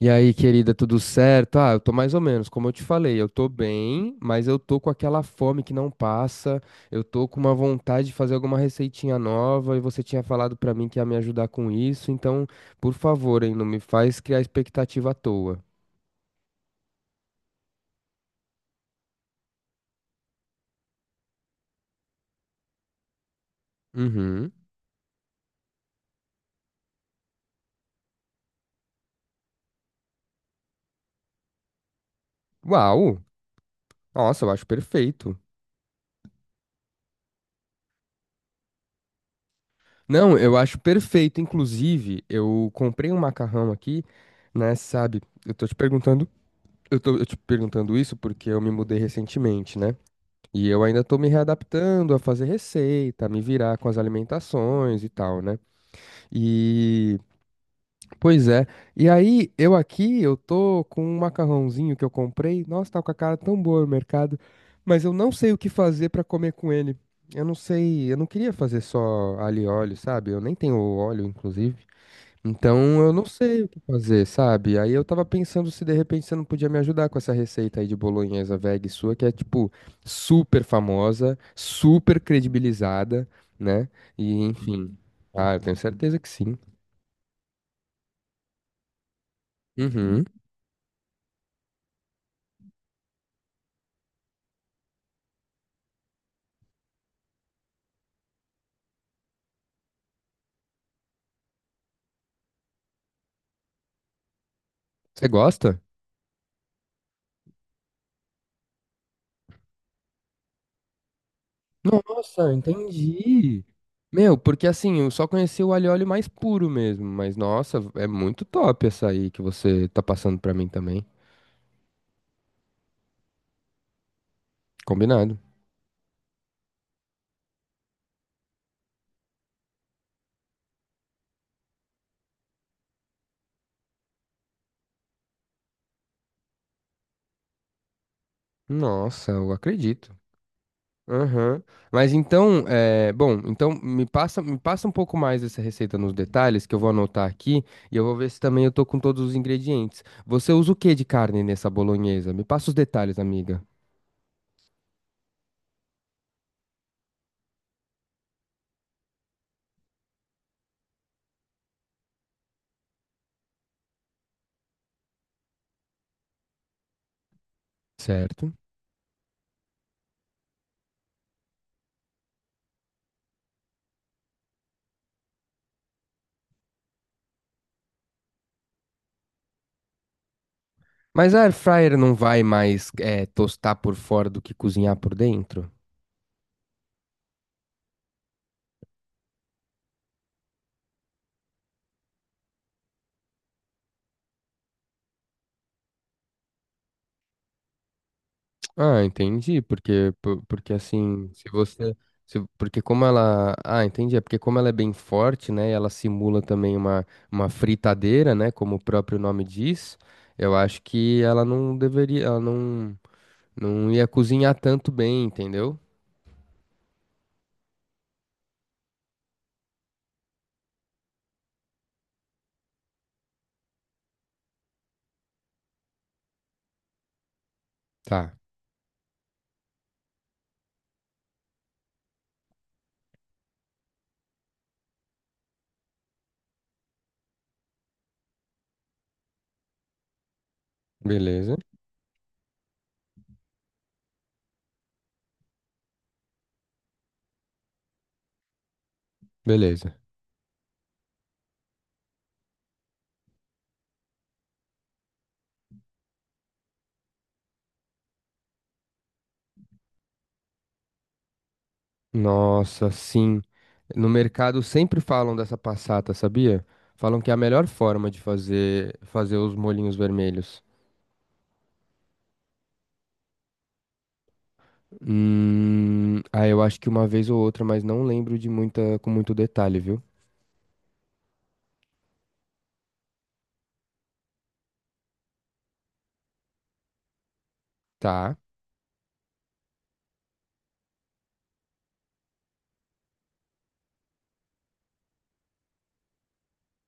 E aí, querida, tudo certo? Ah, eu tô mais ou menos, como eu te falei, eu tô bem, mas eu tô com aquela fome que não passa, eu tô com uma vontade de fazer alguma receitinha nova e você tinha falado pra mim que ia me ajudar com isso, então, por favor, hein, não me faz criar expectativa à toa. Uhum. Uau! Nossa, eu acho perfeito. Não, eu acho perfeito, inclusive, eu comprei um macarrão aqui, né, sabe? Eu tô te perguntando, eu te perguntando isso porque eu me mudei recentemente, né? E eu ainda tô me readaptando a fazer receita, a me virar com as alimentações e tal, né? E, pois é. E aí, eu aqui, eu tô com um macarrãozinho que eu comprei. Nossa, tá com a cara tão boa no mercado, mas eu não sei o que fazer pra comer com ele. Eu não sei, eu não queria fazer só alho e óleo, sabe? Eu nem tenho óleo, inclusive. Então eu não sei o que fazer, sabe? Aí eu tava pensando se de repente você não podia me ajudar com essa receita aí de bolonhesa veg sua, que é tipo super famosa, super credibilizada, né? E enfim. Ah, eu tenho certeza que sim. Uhum. Você gosta? Nossa, entendi. Meu, porque assim, eu só conheci o alho e óleo mais puro mesmo, mas nossa, é muito top essa aí que você tá passando pra mim também. Combinado. Nossa, eu acredito. Aham. Mas então, bom, então me passa um pouco mais essa receita nos detalhes que eu vou anotar aqui e eu vou ver se também eu tô com todos os ingredientes. Você usa o que de carne nessa bolonhesa? Me passa os detalhes, amiga. Certo. Mas a air fryer não vai mais tostar por fora do que cozinhar por dentro? Ah, entendi, porque assim, se você se- porque como ela, ah, entendi, é porque como ela é bem forte, né, e ela simula também uma fritadeira, né, como o próprio nome diz, eu acho que ela não deveria, ela não ia cozinhar tanto bem, entendeu? Tá, beleza. Beleza. Nossa, sim. No mercado sempre falam dessa passata, sabia? Falam que é a melhor forma de fazer os molhinhos vermelhos. Ah, eu acho que uma vez ou outra, mas não lembro de muita, com muito detalhe, viu? Tá.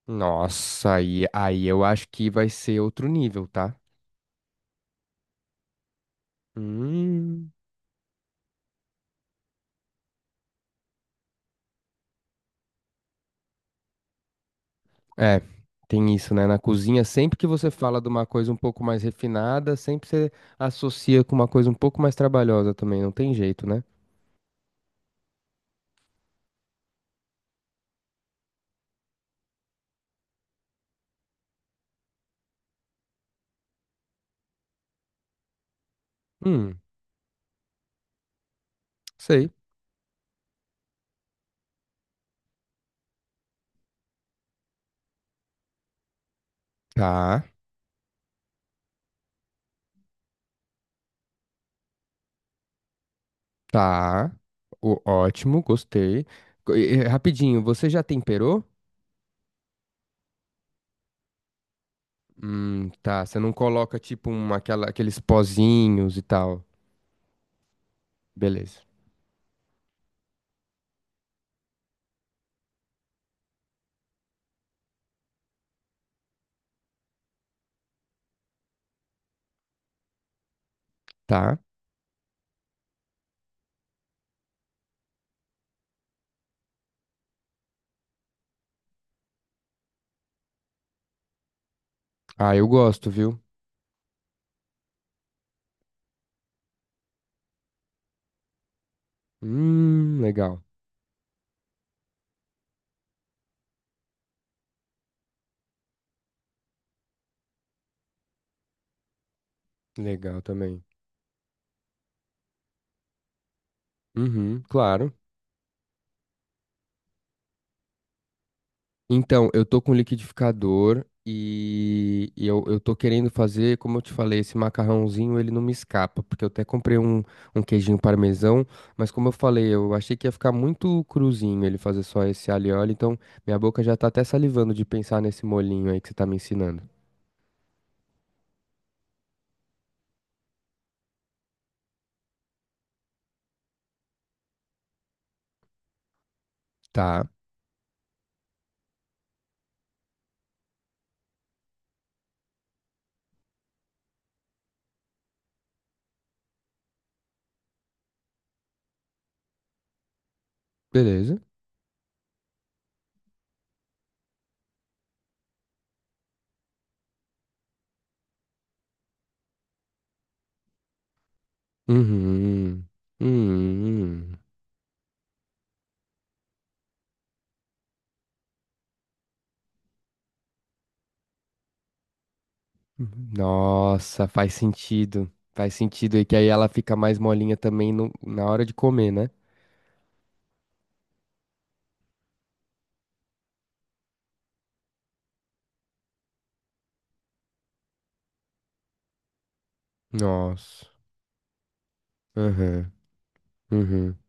Nossa, aí, aí eu acho que vai ser outro nível, tá? Hum. É, tem isso, né? Na cozinha, sempre que você fala de uma coisa um pouco mais refinada, sempre você associa com uma coisa um pouco mais trabalhosa também, não tem jeito, né? Hum, sei. Tá, tá. O, ótimo, gostei. Rapidinho, você já temperou? Tá. Você não coloca tipo aqueles pozinhos e tal. Beleza. Tá. Ah, eu gosto, viu? Legal. Legal também. Uhum, claro. Então, eu tô com liquidificador e eu tô querendo fazer, como eu te falei, esse macarrãozinho, ele não me escapa, porque eu até comprei um, um queijinho parmesão, mas como eu falei, eu achei que ia ficar muito cruzinho ele fazer só esse alho e óleo, então minha boca já tá até salivando de pensar nesse molhinho aí que você tá me ensinando. Tá. Beleza. Uhum. Uhum. Nossa, faz sentido. Faz sentido. E que aí ela fica mais molinha também na hora de comer, né? Nossa. Uhum. Uhum.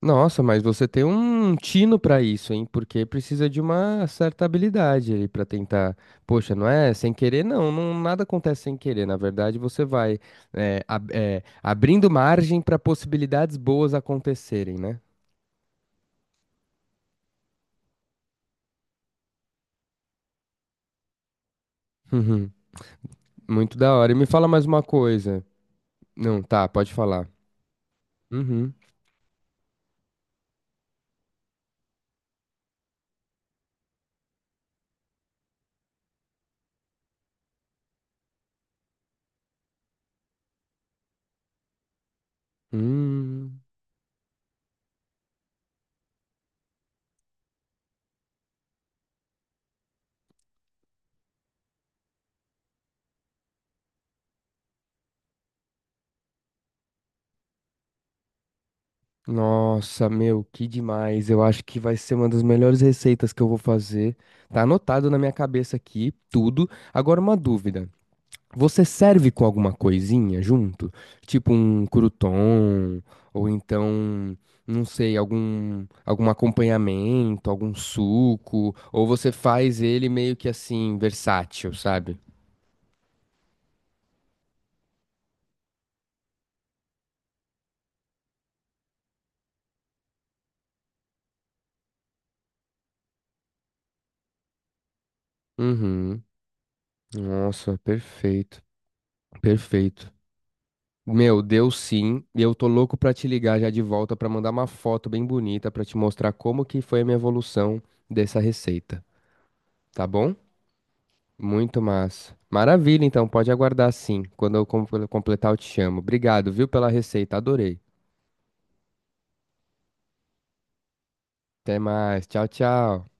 Nossa, mas você tem um tino pra isso, hein? Porque precisa de uma certa habilidade ali pra tentar. Poxa, não é sem querer, nada acontece sem querer. Na verdade, você vai abrindo margem pra possibilidades boas acontecerem, né? Muito da hora. E me fala mais uma coisa. Não, tá, pode falar. Uhum. Hum. Nossa, meu, que demais. Eu acho que vai ser uma das melhores receitas que eu vou fazer. Tá anotado na minha cabeça aqui, tudo. Agora uma dúvida. Você serve com alguma coisinha junto? Tipo um crouton, ou então, não sei, algum acompanhamento, algum suco, ou você faz ele meio que assim, versátil, sabe? Uhum. Nossa, perfeito, perfeito. Meu, deu sim, e eu tô louco pra te ligar já de volta pra mandar uma foto bem bonita pra te mostrar como que foi a minha evolução dessa receita, tá bom? Muito massa. Maravilha, então, pode aguardar sim. Quando eu completar, eu te chamo. Obrigado, viu, pela receita, adorei. Até mais, tchau, tchau.